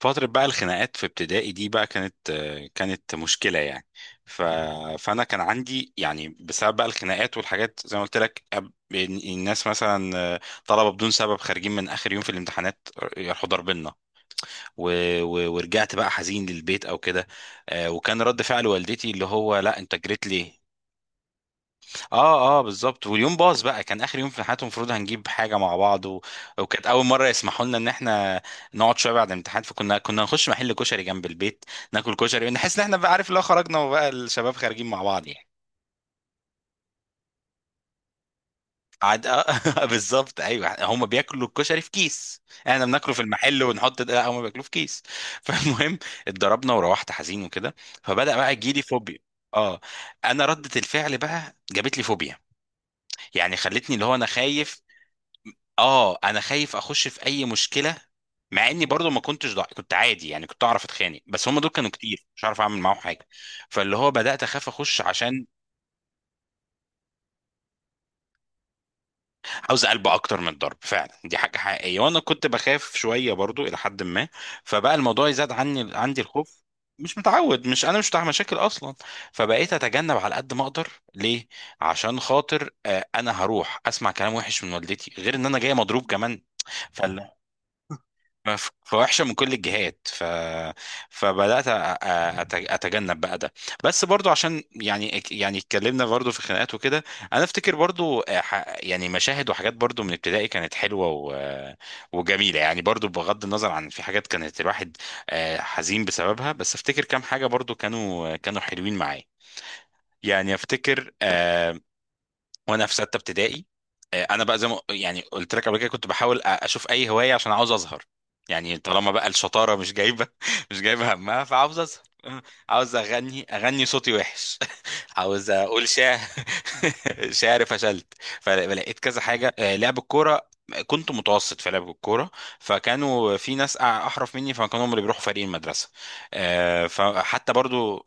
فترة بقى الخناقات في ابتدائي دي بقى كانت مشكلة يعني. ف... فأنا كان عندي يعني بسبب بقى الخناقات والحاجات زي ما قلت لك، الناس مثلا طلبة بدون سبب خارجين من آخر يوم في الامتحانات يروحوا ضاربيننا. و... ورجعت بقى حزين للبيت أو كده. وكان رد فعل والدتي اللي هو، لا أنت جريت ليه؟ اه اه، بالظبط. واليوم باظ بقى، كان اخر يوم في حياته، المفروض هنجيب حاجه مع بعض، وكانت اول مره يسمحوا لنا ان احنا نقعد شويه بعد الامتحان، فكنا نخش محل كشري جنب البيت، ناكل كشري، نحس ان احنا بقى عارف اللي هو خرجنا وبقى الشباب خارجين مع بعض يعني. عاد بالظبط، ايوه، هم بياكلوا الكشري في كيس. احنا بناكله في المحل ونحط ده، هم بياكلوه في كيس فالمهم اتضربنا وروحت حزين وكده. فبدأ بقى يجيلي فوبيا. اه، انا ردة الفعل بقى جابت لي فوبيا، يعني خلتني اللي هو انا خايف. اه انا خايف اخش في اي مشكله، مع اني برضو ما كنتش كنت عادي، يعني كنت اعرف اتخانق، بس هم دول كانوا كتير، مش عارف اعمل معاهم حاجه. فاللي هو بدات اخاف اخش عشان عاوز قلب اكتر من الضرب. فعلا دي حاجه حقيقيه، وانا كنت بخاف شويه برضو الى حد ما. فبقى الموضوع يزاد عني عندي الخوف. مش متعود، مش انا مش بتاع مشاكل اصلا. فبقيت اتجنب على قد ما اقدر. ليه؟ عشان خاطر انا هروح اسمع كلام وحش من والدتي، غير ان انا جاي مضروب كمان. فوحشه من كل الجهات. فبدات اتجنب بقى ده. بس برضو عشان يعني اتكلمنا برضو في خناقات وكده. انا افتكر برضو يعني مشاهد وحاجات برضو من ابتدائي كانت حلوه وجميله، يعني برضو بغض النظر عن في حاجات كانت الواحد حزين بسببها، بس افتكر كام حاجه برضو كانوا حلوين معايا. يعني افتكر وانا في سته ابتدائي. انا بقى زي ما يعني قلت لك قبل كده كنت بحاول اشوف اي هوايه عشان عاوز اظهر. يعني طالما بقى الشطاره مش جايبه مش جايبه همها فعاوز اظهر عاوز اغني صوتي وحش. عاوز اقول شعر. شعر فشلت. فلقيت كذا حاجه، لعب الكوره. كنت متوسط في لعب الكوره، فكانوا في ناس احرف مني، فكانوا هم اللي بيروحوا فريق المدرسه. فحتى برضو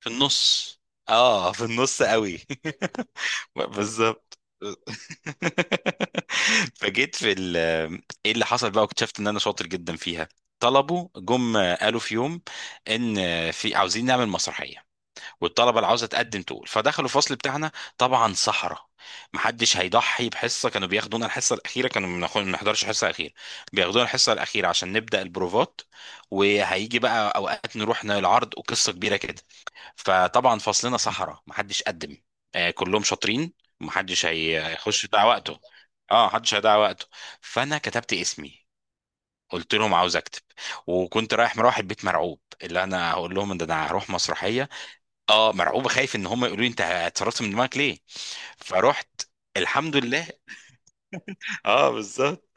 في النص. اه في النص قوي بالظبط فجيت في ايه اللي حصل بقى، واكتشفت ان انا شاطر جدا فيها. طلبوا جم، قالوا في يوم ان في عاوزين نعمل مسرحيه، والطلبه اللي عاوزه تقدم تقول، فدخلوا الفصل بتاعنا. طبعا صحراء، محدش هيضحي بحصه. كانوا بياخدونا الحصه الاخيره، كانوا ما بنحضرش الحصه الاخيره، بياخدونا الحصه الاخيره عشان نبدا البروفات، وهيجي بقى اوقات نروح العرض وقصه كبيره كده. فطبعا فصلنا صحراء، محدش قدم. آه كلهم شاطرين. محدش هيخش يضيع وقته. اه محدش هيضيع وقته. فانا كتبت اسمي، قلت لهم عاوز اكتب. وكنت رايح مروح البيت مرعوب اللي انا هقول لهم ان انا هروح مسرحيه. اه مرعوب، خايف ان هم يقولوا لي انت اتصرفت من دماغك ليه. فروحت. الحمد لله. اه بالظبط.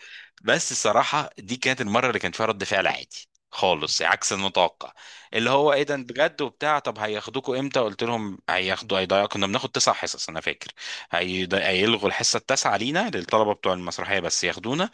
بس الصراحه دي كانت المره اللي كان فيها رد فعل عادي خالص، عكس المتوقع. اللي هو ايه ده بجد وبتاع، طب هياخدوكوا امتى؟ قلت لهم هياخدوا هيضيعوا، كنا بناخد تسع حصص انا فاكر. هيلغوا الحصه التاسعه لينا للطلبه بتوع المسرحيه بس ياخدونا.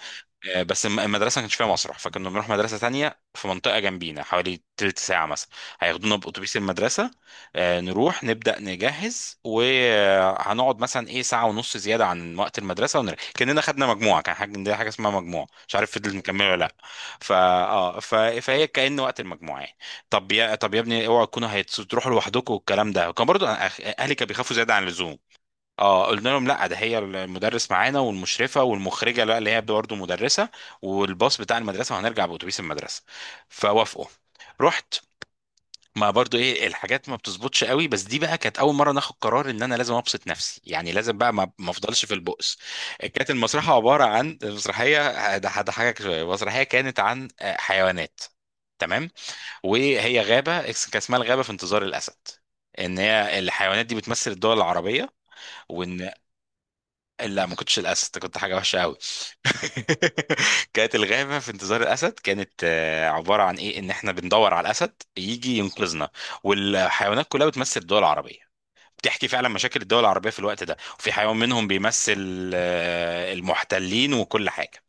بس المدرسه ما كانش فيها مسرح، فكنا بنروح مدرسه تانية في منطقه جنبينا حوالي تلت ساعه مثلا. هياخدونا باتوبيس المدرسه. نروح نبدا نجهز، وهنقعد مثلا ايه ساعه ونص زياده عن وقت المدرسه ونرجع كاننا خدنا مجموعه. كان حاجه، دي حاجه اسمها مجموعه، مش عارف فضل مكمله ولا لا. فا اه فهي كأن وقت المجموعه يعني. طب يا ابني اوعوا تكونوا هتروحوا لوحدكم، والكلام ده كان برضو اهلي كانوا بيخافوا زياده عن اللزوم. اه قلنا لهم لا، ده هي المدرس معانا والمشرفه والمخرجه لا اللي هي برضه مدرسه، والباص بتاع المدرسه، وهنرجع باتوبيس المدرسه. فوافقوا. رحت. ما برضو ايه الحاجات ما بتظبطش قوي، بس دي بقى كانت اول مره ناخد قرار ان انا لازم ابسط نفسي، يعني لازم بقى ما افضلش في البؤس. كانت المسرحيه عباره عن، المسرحيه ده حاجه شويه. المسرحيه كانت عن حيوانات. تمام. وهي غابه، كان اسمها الغابه في انتظار الاسد، ان هي الحيوانات دي بتمثل الدول العربيه. وان لا، ما كنتش الاسد، كنت حاجه وحشه قوي. كانت الغابه في انتظار الاسد كانت عباره عن ايه، ان احنا بندور على الاسد يجي ينقذنا، والحيوانات كلها بتمثل الدول العربيه. بتحكي فعلا مشاكل الدول العربيه في الوقت ده، وفي حيوان منهم بيمثل المحتلين وكل حاجه.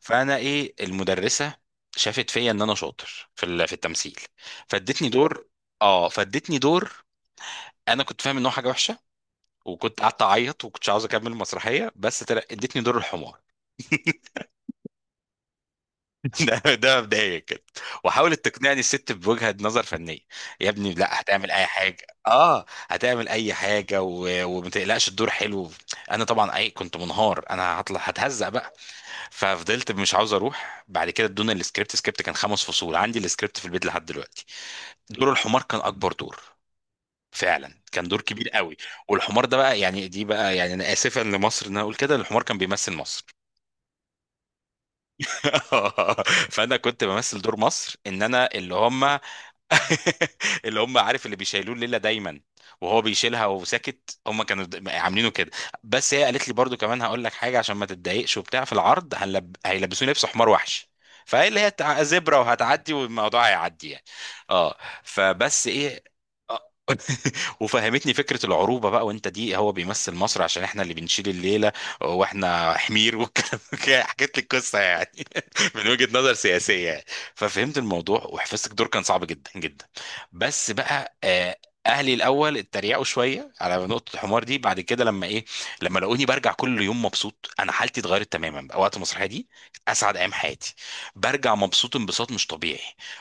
فانا ايه، المدرسه شافت فيا ان انا شاطر في في التمثيل. فادتني دور. اه فادتني دور. انا كنت فاهم ان هو حاجه وحشه، وكنت قعدت اعيط وكنتش عاوز اكمل المسرحيه، بس ادتني دور الحمار. ده مبدئيا كده. وحاولت تقنعني الست بوجهة نظر فنية. يا ابني لا هتعمل اي حاجة، هتعمل اي حاجة، وما تقلقش، الدور حلو. انا طبعا اي كنت منهار، انا هطلع هتهزق بقى. ففضلت مش عاوز اروح. بعد كده ادونا السكريبت، سكريبت كان خمس فصول. عندي السكريبت في البيت لحد دلوقتي. دور الحمار كان اكبر دور، فعلا كان دور كبير قوي. والحمار ده بقى يعني، دي بقى يعني، انا اسفا لمصر ان انا اقول كده، الحمار كان بيمثل مصر. فانا كنت بمثل دور مصر، ان انا اللي هم اللي هم عارف اللي بيشيلوه الليله دايما، وهو بيشيلها وساكت. هم كانوا عاملينه كده. بس هي قالت لي برضو كمان، هقول لك حاجه عشان ما تتضايقش وبتاع، في العرض هيلبسوني لبس حمار وحشي. فهي اللي هي زبره وهتعدي والموضوع هيعدي يعني. اه. فبس ايه، آه، وفهمتني فكرة العروبة بقى، وانت دي هو بيمثل مصر عشان احنا اللي بنشيل الليلة، واحنا حمير والكلام كده. حكيت لي القصة يعني من وجهة نظر سياسية يعني. ففهمت الموضوع، وحفظت الدور، كان صعب جدا جدا. بس بقى اهلي الاول اتريقوا شويه على نقطه الحمار دي. بعد كده لما ايه، لما لقوني برجع كل يوم مبسوط، انا حالتي اتغيرت تماما بقى وقت المسرحيه دي، كانت اسعد ايام حياتي. برجع مبسوط انبساط مش طبيعي،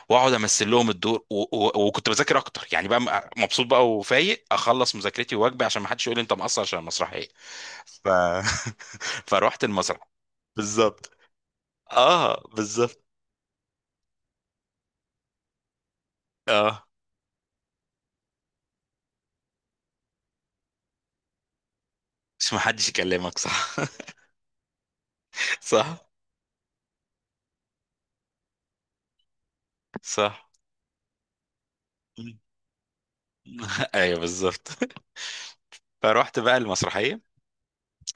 واقعد امثل لهم الدور، وكنت بذاكر اكتر يعني بقى، مبسوط بقى وفايق اخلص مذاكرتي وواجبي عشان ما حدش يقول لي انت مقصر عشان المسرحيه. ف... فروحت المسرح. بالظبط. اه بالظبط. اه مش ما حدش يكلمك، صح. صح، صح. ايوه بالظبط. فروحت بقى المسرحيه.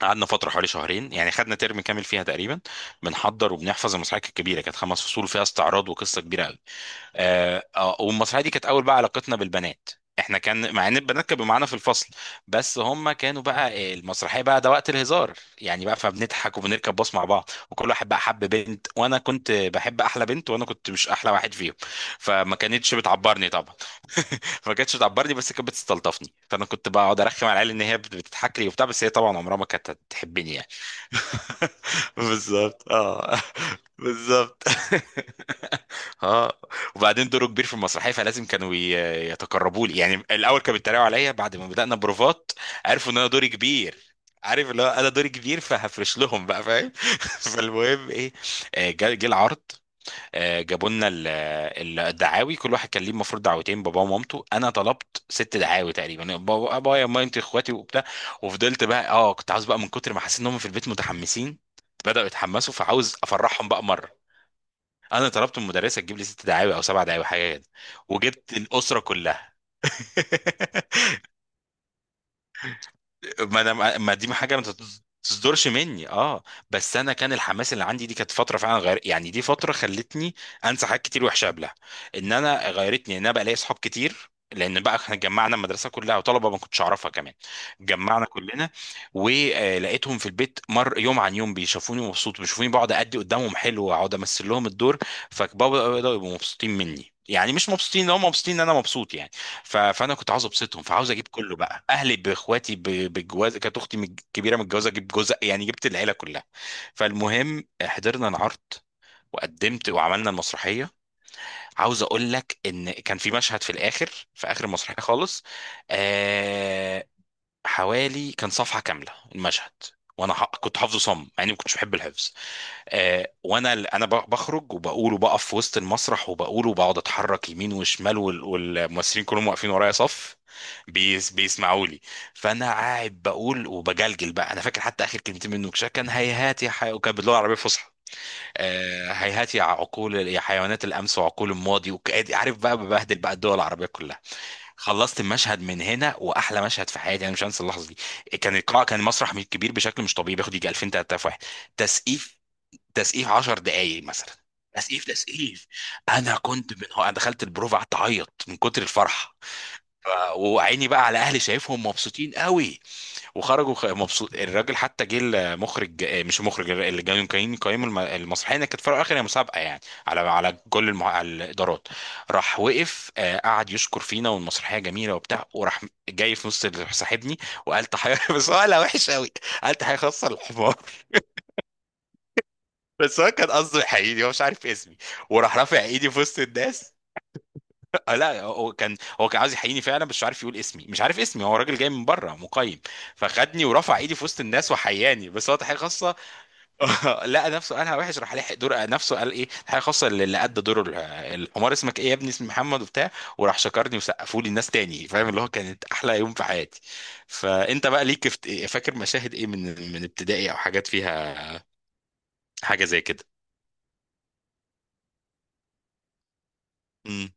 قعدنا فتره حوالي شهرين يعني، خدنا ترم كامل فيها تقريبا. بنحضر وبنحفظ المسرحيه، كانت كبيره، كانت خمس فصول فيها استعراض وقصه كبيره. والمسرحيه دي كانت اول بقى علاقتنا بالبنات. احنا كان، مع ان البنات كانوا معانا في الفصل، بس هم كانوا بقى المسرحيه بقى ده وقت الهزار يعني بقى، فبنضحك وبنركب باص مع بعض، وكل واحد بقى حب بنت، وانا كنت بحب احلى بنت وانا كنت مش احلى واحد فيهم. فما كانتش بتعبرني طبعا. فما كانتش بتعبرني بس كانت بتستلطفني، فانا كنت بقعد ارخم على العيال ان هي بتضحك لي وبتاع، بس هي طبعا عمرها ما كانت هتحبني يعني. بالظبط اه. بالظبط اه. وبعدين دوره كبير في المسرحيه فلازم كانوا يتقربوا لي يعني. الاول كانوا بيتريقوا عليا، بعد ما بدانا بروفات عرفوا ان انا دوري كبير. عارف اللي هو انا دوري كبير، فهفرش لهم بقى فاهم. فالمهم ايه، جه العرض. جابوا لنا الدعاوي، كل واحد كان ليه المفروض دعوتين، باباه ومامته. انا طلبت ست دعاوي تقريبا، بابا ابايا مامتي اخواتي وبتاع. وفضلت بقى، اه كنت عاوز بقى من كتر ما حسيت ان هم في البيت متحمسين بدأوا يتحمسوا، فعاوز افرحهم بقى مره. انا طلبت من المدرسه تجيب لي ست دعاوي او سبع دعاوي حاجه كده، وجبت الاسره كلها. ما انا، ما دي حاجه ما تصدرش مني. اه بس انا كان الحماس اللي عندي دي، كانت فتره فعلا غير يعني، دي فتره خلتني انسى حاجات كتير وحشه قبلها. ان انا غيرتني ان انا بقى لي اصحاب كتير، لان بقى احنا جمعنا المدرسه كلها وطلبه ما كنتش اعرفها كمان. جمعنا كلنا. ولقيتهم في البيت مر يوم عن يوم بيشوفوني مبسوط، بيشوفوني بقعد ادي قدامهم حلو، واقعد امثل لهم الدور، فبابا يبقوا مبسوطين مني يعني، مش مبسوطين ان هم، مبسوطين ان انا مبسوط يعني. فانا كنت عاوز ابسطهم، فعاوز اجيب كله بقى اهلي، باخواتي بالجواز، كانت اختي كبيره متجوزه اجيب جوز، يعني جبت العيله كلها. فالمهم حضرنا العرض، وقدمت وعملنا المسرحيه. عاوز اقول لك ان كان في مشهد في الاخر، في اخر المسرحيه خالص، آه، حوالي كان صفحه كامله المشهد. وانا كنت حافظه صم، مع اني ما كنتش بحب الحفظ. وانا انا بخرج وبقول وبقف في وسط المسرح، وبقول وبقعد اتحرك يمين وشمال، والممثلين كلهم واقفين ورايا صف، بيسمعوا لي. فانا قاعد بقول وبجلجل بقى. انا فاكر حتى اخر كلمتين منه كان هيهات يا وكان باللغه العربيه الفصحى. هيهات يا عقول، يا حيوانات الامس وعقول الماضي عارف بقى ببهدل بقى الدول العربيه كلها. خلصت المشهد من هنا، واحلى مشهد في حياتي، انا مش هنسى اللحظه دي. كان القاعه، كان مسرح كبير بشكل مش طبيعي، بياخد يجي 2000 3000 واحد. تسقيف. تسقيف 10 دقايق مثلا. تسقيف تسقيف. انا كنت، من هو انا دخلت البروف، قعدت اعيط من كتر الفرحه. وعيني بقى على اهلي شايفهم مبسوطين قوي. وخرجوا مبسوط الراجل، حتى جه المخرج، مش المخرج، اللي جاي كان قايم المسرحيه، إن كانت في الاخر هي مسابقه يعني، على كل على الادارات. راح وقف، قعد يشكر فينا والمسرحيه جميله وبتاع، وراح. جاي في نص صاحبني وقال تحيه بس هو قالها وحش قوي. قال تحيه خاصه للحمار. بس هو كان قصده يحييني، هو مش عارف اسمي. وراح رافع ايدي في وسط الناس. لا هو كان عاوز يحييني فعلا، بس مش عارف يقول اسمي، مش عارف اسمي، هو راجل جاي من بره مقيم. فخدني ورفع ايدي في وسط الناس وحياني بس هو تحيه خاصه. لقى نفسه قالها وحش، راح لحق دور نفسه، قال ايه، تحيه خاصه اللي قد دور الحمار. اسمك ايه يا ابني؟ اسمي محمد وبتاع. وراح شكرني وسقفوا لي الناس تاني فاهم، اللي هو كانت احلى يوم في حياتي. فانت بقى ليك فاكر مشاهد ايه من ابتدائي او حاجات فيها حاجه زي كده.